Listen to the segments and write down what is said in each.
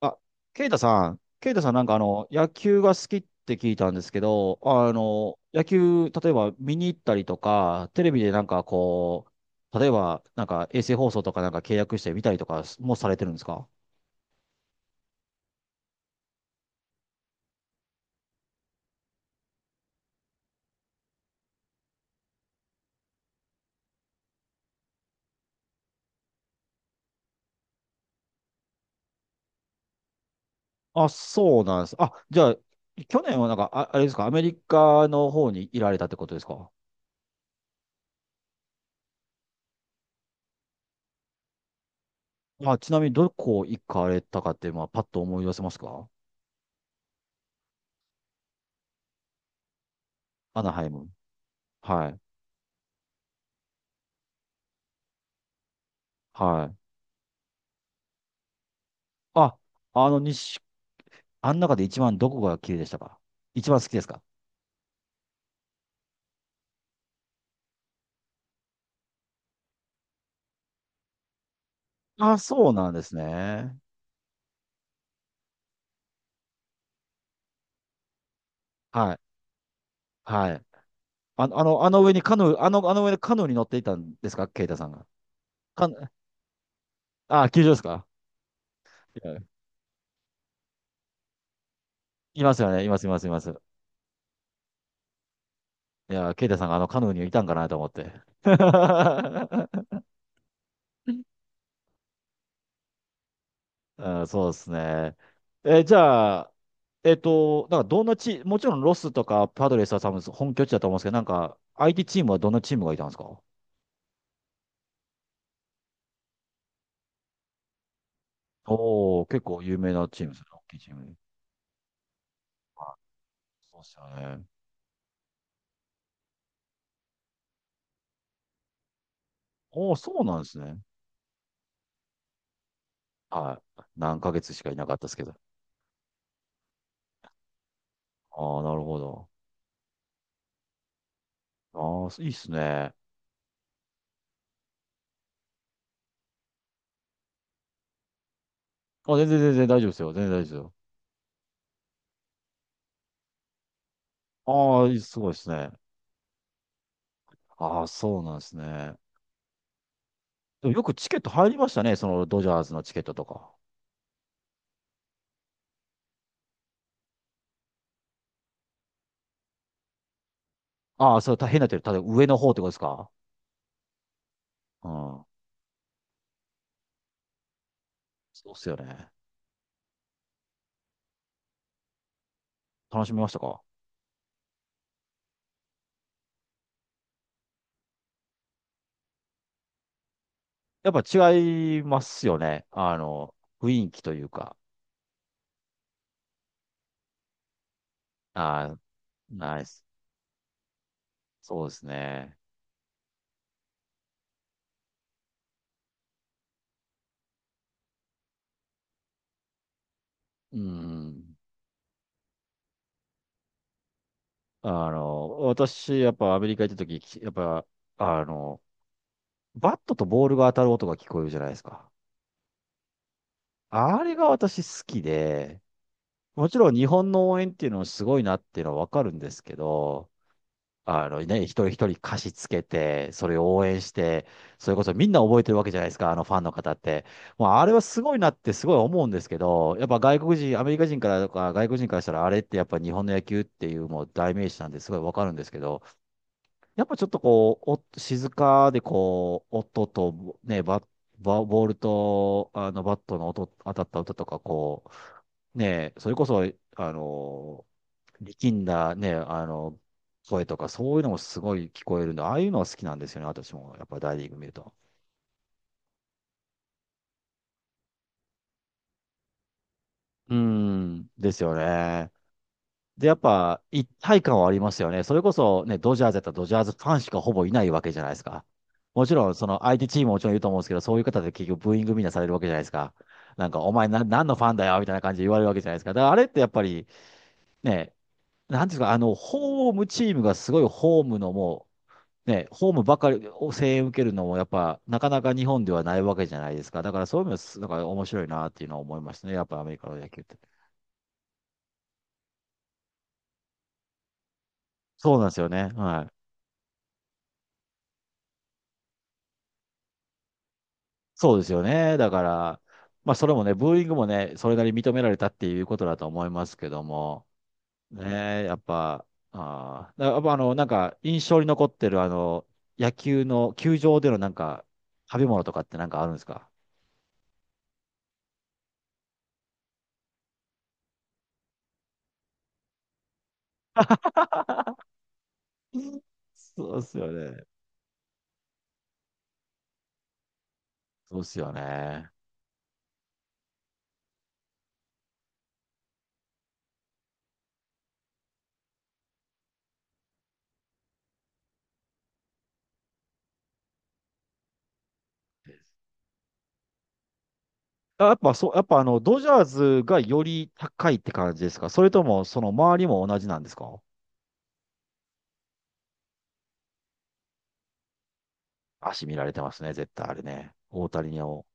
あ、ケイタさんなんか野球が好きって聞いたんですけど、野球、例えば見に行ったりとか、テレビでなんかこう、例えばなんか衛星放送とかなんか契約して見たりとかもされてるんですか？あ、そうなんです。あ、じゃあ、去年はなんか、あ、あれですか、アメリカの方にいられたってことですか？あ、ちなみにどこ行かれたかって、まあ、パッと思い出せますか？アナハイム。はい。はい。あ、あの、日あん中で一番どこが綺麗でしたか？一番好きですか？あ、そうなんですね。はい。はい。あの上にカヌー、あの上でカヌーに乗っていたんですかケイタさんが。カヌあ、球場ですか？いや、いますよね。います、います、います。いや、ケイタさんがあのカヌーにいたんかなと思って。うん、そうですね。え、じゃあ、なんかどんなチもちろんロスとかパドレスは多分本拠地だと思うんですけど、なんか相手チームはどんなチームがいたんですか？おお、結構有名なチームですね。大きいチームで。あ、そうですよね。おお、そうなんですね。はい。何ヶ月しかいなかったですけど。ああ、なるほど。ああ、いいっすね。あ、全然全然大丈夫ですよ。全然大丈夫ですよ。ああ、いい、すごいですね。ああ、そうなんですね。でもよくチケット入りましたね。そのドジャースのチケットとか。ああ、それ大変なってる。ただ上の方ってことですか？うん。そうっすよね。楽しみましたか？やっぱ違いますよね。雰囲気というか。ああ、ナイス。そうですね。うん。私、やっぱアメリカ行った時、やっぱ、あの、バットとボールが当たる音が聞こえるじゃないですか。あれが私好きで、もちろん日本の応援っていうのもすごいなっていうのはわかるんですけど、一人一人歌詞つけて、それを応援して、それこそみんな覚えてるわけじゃないですか、あのファンの方って。もうあれはすごいなってすごい思うんですけど、やっぱ外国人、アメリカ人からとか外国人からしたらあれってやっぱ日本の野球っていうもう代名詞なんですごいわかるんですけど、やっぱちょっとこう、お静かでこう、音とね、バッバボールとあのバットの音、当たった音とか、こう、ね、それこそ、あの力んだね、声とか、そういうのもすごい聞こえるんで、ああいうのは好きなんですよね、私も。やっぱ大リーグ見ると。うん、ですよね。で、やっぱ一体感はありますよね。それこそね、ドジャーズやったらドジャーズファンしかほぼいないわけじゃないですか。もちろん、その相手チームももちろんいると思うんですけど、そういう方で結局ブーイングみんなされるわけじゃないですか。なんか、お前な、何のファンだよみたいな感じで言われるわけじゃないですか。だからあれってやっぱりね、なんていうんですか、ホームチームがすごいホームのもう、ね、ホームばかりを声援受けるのも、やっぱ、なかなか日本ではないわけじゃないですか。だから、そういう意味です、だから面白いなっていうのは思いましたね。やっぱアメリカの野球って。そうなんですよね。はい。そうですよね。だから、まあ、それもね、ブーイングもね、それなりに認められたっていうことだと思いますけども、ねえ、やっぱ、あーだやっぱなんか、印象に残ってる、野球の、球場でのなんか、食べ物とかってなんかあるんですか？うん。そうですよね。そうですよね。あ、やっぱドジャーズがより高いって感じですか、それとも、その周りも同じなんですか？足見られてますね、絶対あれね。大谷にも。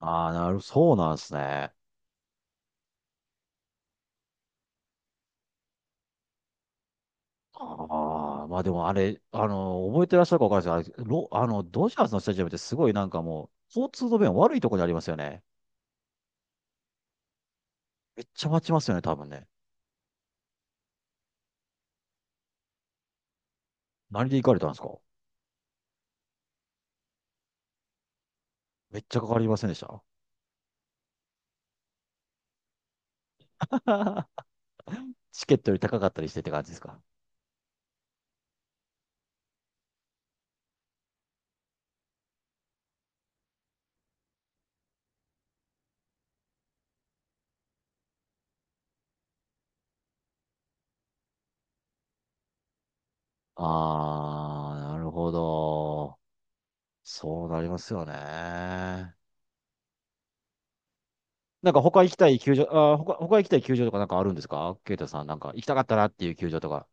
ああ、そうなんですね。ああ、まあでもあれ、覚えてらっしゃるかわかんないですけど、あれロあの、ドジャースのスタジアムってすごいなんかもう、交通の便悪いとこにありますよね。めっちゃ待ちますよね、多分ね。何で行かれたんですか？めっちゃかかりませんでした？ チケットより高かったりしてって感じですか？ああー、なるほど。そうなりますよね。なんか他行きたい球場、他行きたい球場とかなんかあるんですかケイタさん、なんか行きたかったなっていう球場とか。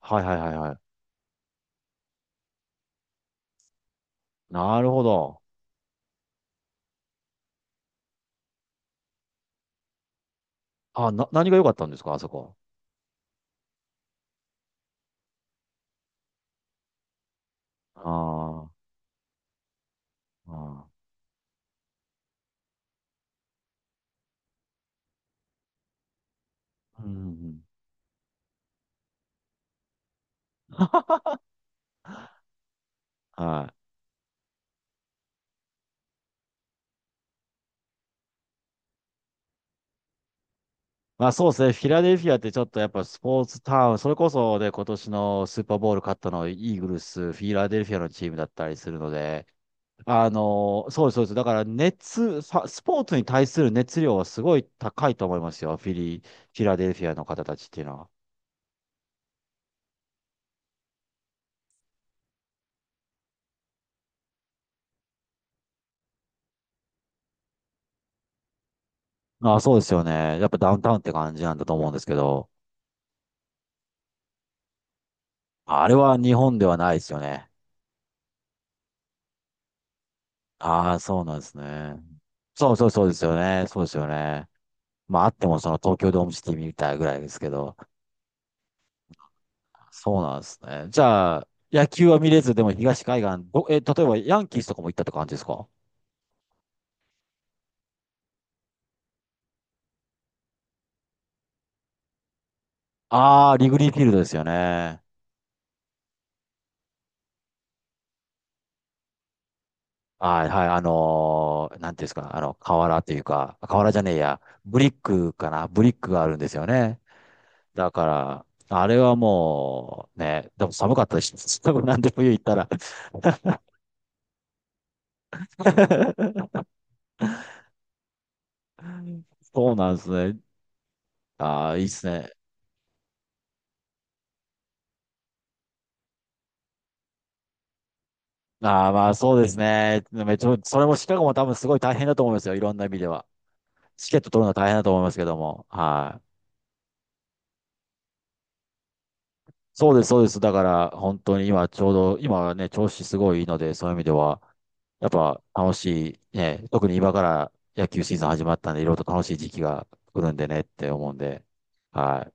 はい、はい、はい、はい。なるほど。あ、何が良かったんですかあそこ。あー、あー。うん、うん、うん、はい。まあそうですね。フィラデルフィアってちょっとやっぱスポーツタウン、それこそで今年のスーパーボウル勝ったのイーグルス、フィラデルフィアのチームだったりするので、そうです、そうです。だから、スポーツに対する熱量はすごい高いと思いますよ。フィラデルフィアの方たちっていうのは。ああ、そうですよね。やっぱダウンタウンって感じなんだと思うんですけど。あれは日本ではないですよね。ああ、そうなんですね。そう、そう、そうですよね。そうですよね。まああってもその東京ドームシティみたいぐらいですけど。そうなんですね。じゃあ、野球は見れず、でも東海岸、例えばヤンキースとかも行ったって感じですか？ああー、リグリーフィールドですよね。はい、はい、なんていうんですか、瓦というか、瓦じゃねえや、ブリックかな、ブリックがあるんですよね。だから、あれはもう、ね、でも寒かったし、多分なんで冬行ったら。 そうなんですね。ああ、いいっすね。ああ、まあそうですね。めっちゃ、それもシカゴも多分すごい大変だと思いますよ。いろんな意味では。チケット取るのは大変だと思いますけども。はい。そうです、そうです。だから、本当に今ちょうど、今はね、調子すごいいいので、そういう意味では、やっぱ楽しい、ね、特に今から野球シーズン始まったんで、いろいろと楽しい時期が来るんでねって思うんで、はい。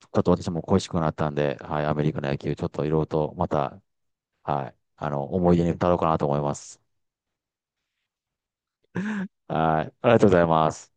ちょっと私も恋しくなったんで、はい、アメリカの野球、ちょっといろいろとまた、はい、思い出に浸ろうかなと思います。はい、ありがとうございます。